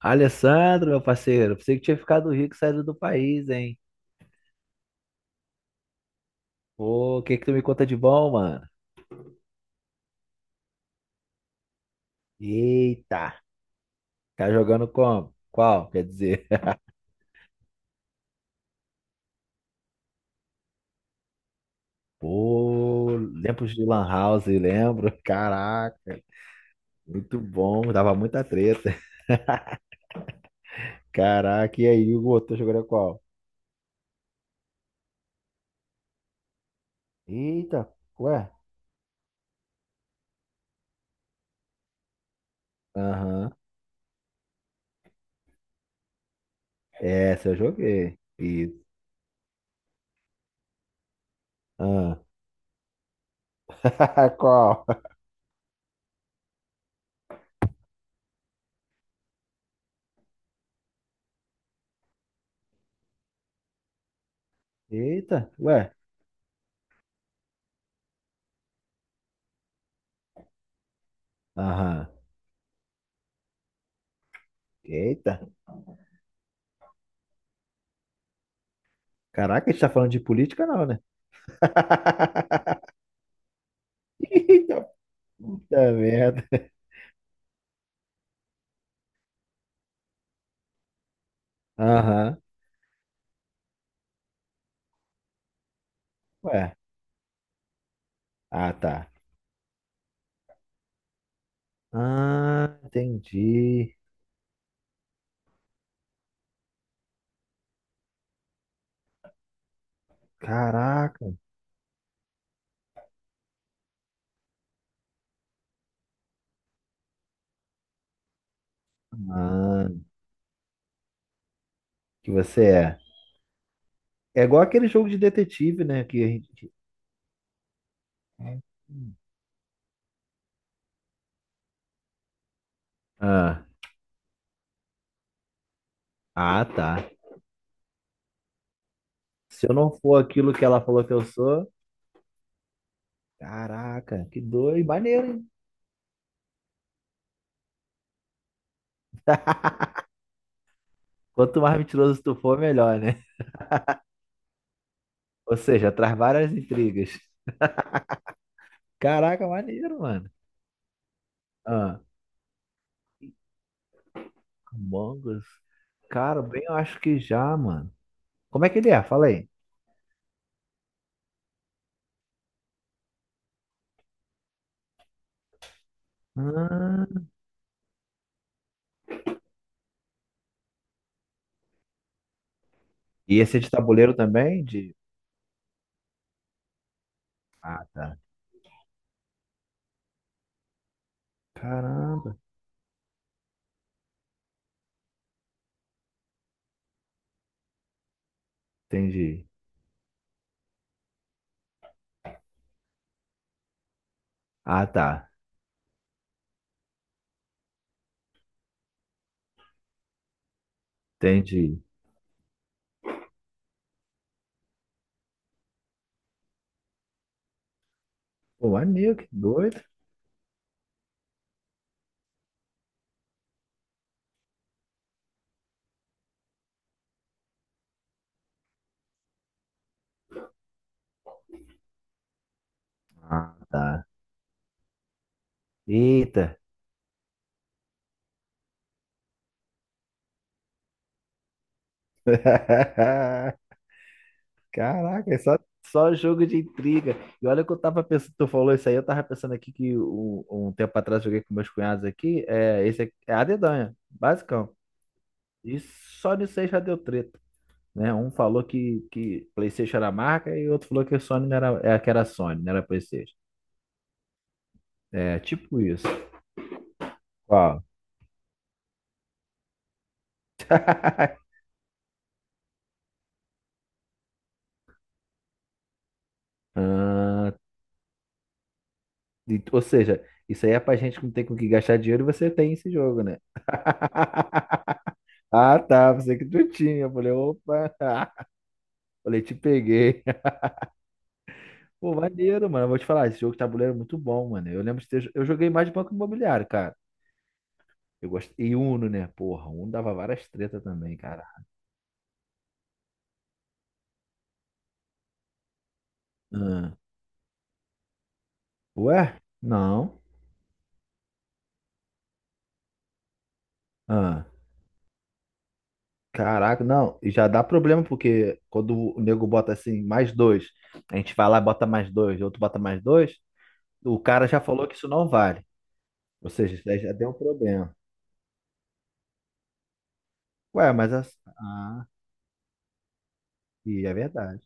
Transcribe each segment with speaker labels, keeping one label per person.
Speaker 1: Alessandro, meu parceiro, pensei que tinha ficado rico e saído do país, hein? Pô, o que que tu me conta de bom, mano? Eita, tá jogando como? Qual? Quer dizer, pô, lembro de Lan House, lembro? Caraca, muito bom, dava muita treta. Caraca, e aí, Hugo, tu jogando qual? Eita, ué? Aham, Essa eu joguei. Isso. Ah. Qual? Eita, ué? Aham, Eita, caraca, a gente tá falando de política, não, né? Eita puta merda. Aham. Ué. Ah, tá. Ah, entendi. Caraca, mano. Que você é. É igual aquele jogo de detetive, né? Que a gente. Ah, ah, tá. Se eu não for aquilo que ela falou que eu sou, caraca, que doido, maneiro, hein? Quanto mais mentiroso tu for, melhor, né? Ou seja, traz várias intrigas. Caraca, maneiro, mano. Ah, Among Us. Cara, bem, eu acho que já, mano. Como é que ele é? Fala aí. Ah, e esse é de tabuleiro também? De... Ah, tá. Caramba. Entendi. Ah, tá. Entendi. Pô, maneiro, que doido. Ah, tá. Eita. Caraca, é só, só jogo de intriga. E olha que eu tava pensando, tu falou isso aí, eu tava pensando aqui que um tempo atrás eu joguei com meus cunhados aqui, é, esse aqui é a dedanha, basicão. E só nisso aí já deu treta. Né? Um falou que PlayStation era marca e outro falou que a Sony não era, é, que era Sony, não era PlayStation. É, tipo isso. Qual? Ah, ou seja, isso aí é pra gente que não tem com o que gastar dinheiro e você tem esse jogo, né? Ah, tá, pensei que tu tinha. Eu falei, opa, falei, te peguei. Pô, maneiro, mano. Eu vou te falar, esse jogo de tabuleiro é muito bom, mano. Eu lembro de ter, eu joguei mais de Banco Imobiliário, cara. Eu gosto E Uno, né? Porra, Uno dava várias tretas também, cara. Ah, Ué? Não. Ah. Caraca, não, e já dá problema, porque quando o nego bota assim, mais dois, a gente vai lá e bota mais dois, outro bota mais dois, o cara já falou que isso não vale. Ou seja, isso daí já deu um problema. Ué, mas as... Ah, e é verdade.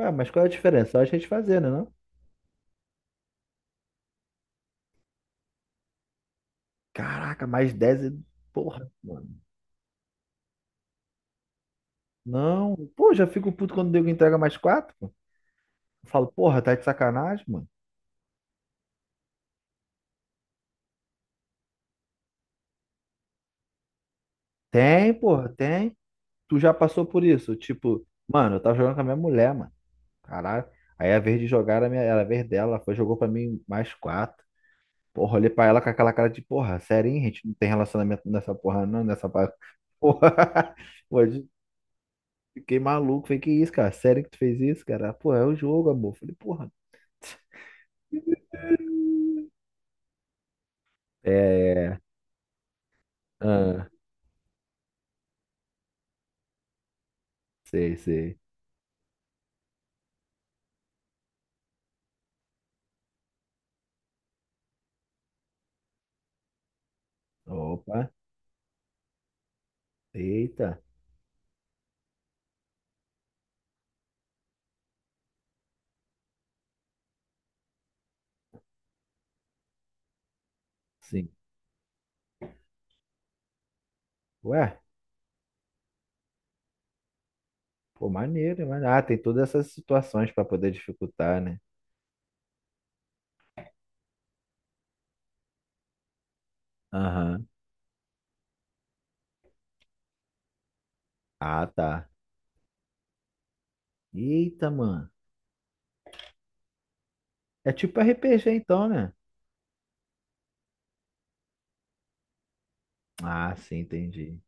Speaker 1: Ué, mas qual é a diferença? Só a gente fazer, né, não? Caraca, mais dez e... Porra, mano. Não, pô, já fico puto quando o nego entrega mais quatro, pô. Eu falo, porra, tá de sacanagem, mano. Tem, porra, tem. Tu já passou por isso. Tipo, mano, eu tava jogando com a minha mulher, mano. Caralho. Aí a vez de jogar era, a minha, era a vez dela. Ela foi, jogou pra mim mais quatro. Porra, olhei pra ela com aquela cara de porra, sério, hein? A gente não tem relacionamento nessa porra, não, nessa pa- porra. Pô, eu fiquei maluco. Falei, que isso, cara? Sério que tu fez isso, cara? Pô, é o jogo, amor. Falei, porra. É. Ah, sei, sei. Opa, eita, sim. Ué, pô, maneiro, mas ah, tem todas essas situações pra poder dificultar, né? Aham. Ah, tá. Eita, mano. É tipo RPG então, né? Ah, sim, entendi.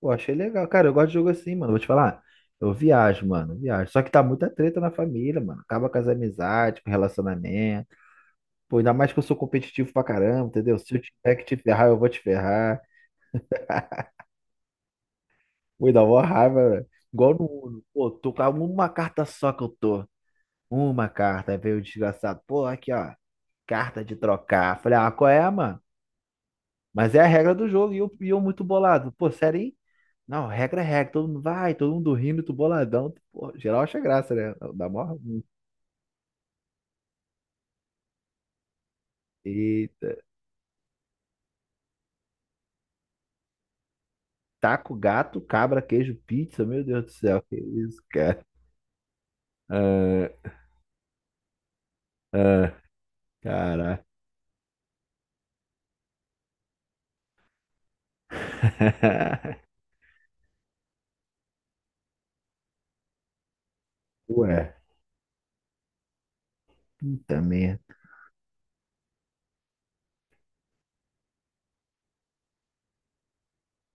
Speaker 1: Pô, achei legal. Cara, eu gosto de jogo assim, mano. Vou te falar. Eu viajo, mano, eu viajo. Só que tá muita treta na família, mano. Acaba com as amizades, com relacionamento. Pô, ainda mais que eu sou competitivo pra caramba, entendeu? Se eu tiver que te ferrar, eu vou te ferrar. Pô, dá uma raiva, velho. Igual no Uno. Pô, tô com uma carta só que eu tô. Uma carta. Aí veio o desgraçado. Pô, aqui, ó. Carta de trocar. Falei, ah, qual é, mano? Mas é a regra do jogo. E eu muito bolado. Pô, sério, hein? Não, regra é regra, todo mundo vai, todo mundo rindo, tu boladão. Pô, geral acha graça, né? Dá mó. Eita. Taco, gato, cabra, queijo, pizza, meu Deus do céu, que isso, cara? Ah, ah, cara. Ué, puta merda.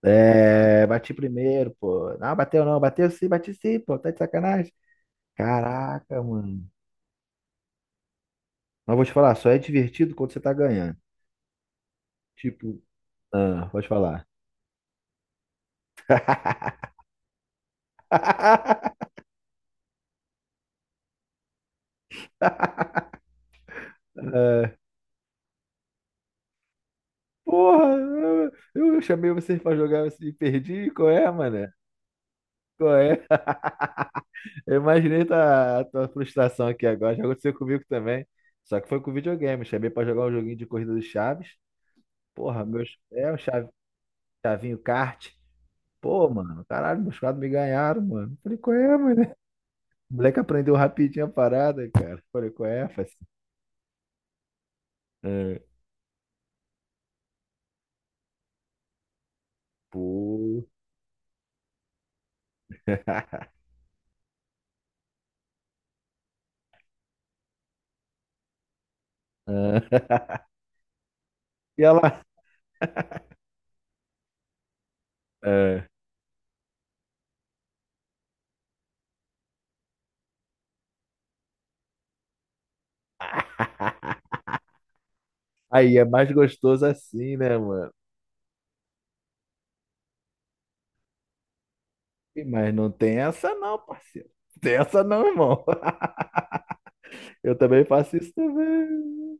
Speaker 1: É, bati primeiro, pô. Não, bateu não, bateu sim, bati sim, pô, tá de sacanagem. Caraca, mano. Mas vou te falar, só é divertido quando você tá ganhando. Tipo, ah, vou te falar. Porra, eu chamei vocês pra jogar e perdi. Qual é, mané? Qual é? Eu imaginei tua, a tua frustração aqui agora. Já aconteceu comigo também. Só que foi com videogame. Chamei pra jogar um joguinho de corrida do Chaves. Porra, meus. É, o Chavinho Kart. Pô, mano, caralho, meus quadros me ganharam, mano. Falei, qual é, mano. O moleque aprendeu rapidinho a parada, cara. Falei, qual é, Fassi? É, Pô. E ela. É. Aí é mais gostoso assim, né, mano? Mas não tem essa não, parceiro. Tem essa não, irmão. Eu também faço isso também.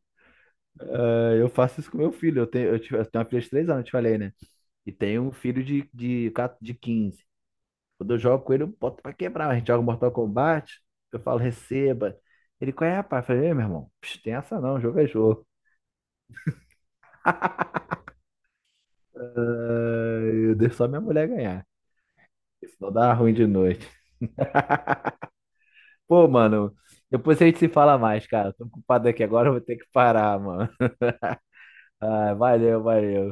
Speaker 1: É, eu faço isso com meu filho. Eu tenho, eu tenho uma filha de 3 anos, eu te falei, né? E tenho um filho de, 4 de 15. Quando eu jogo com ele, eu boto pra quebrar. A gente joga Mortal Kombat, eu falo, receba. Ele, qual é, rapaz? Eu falei, "Ei, meu irmão, psh, tem essa não, jogo é jogo." É, eu deixo só minha mulher ganhar. Senão dá ruim de noite. Pô, mano, depois a gente se fala mais, cara. Tô ocupado aqui agora, eu vou ter que parar, mano. Ah, valeu, valeu.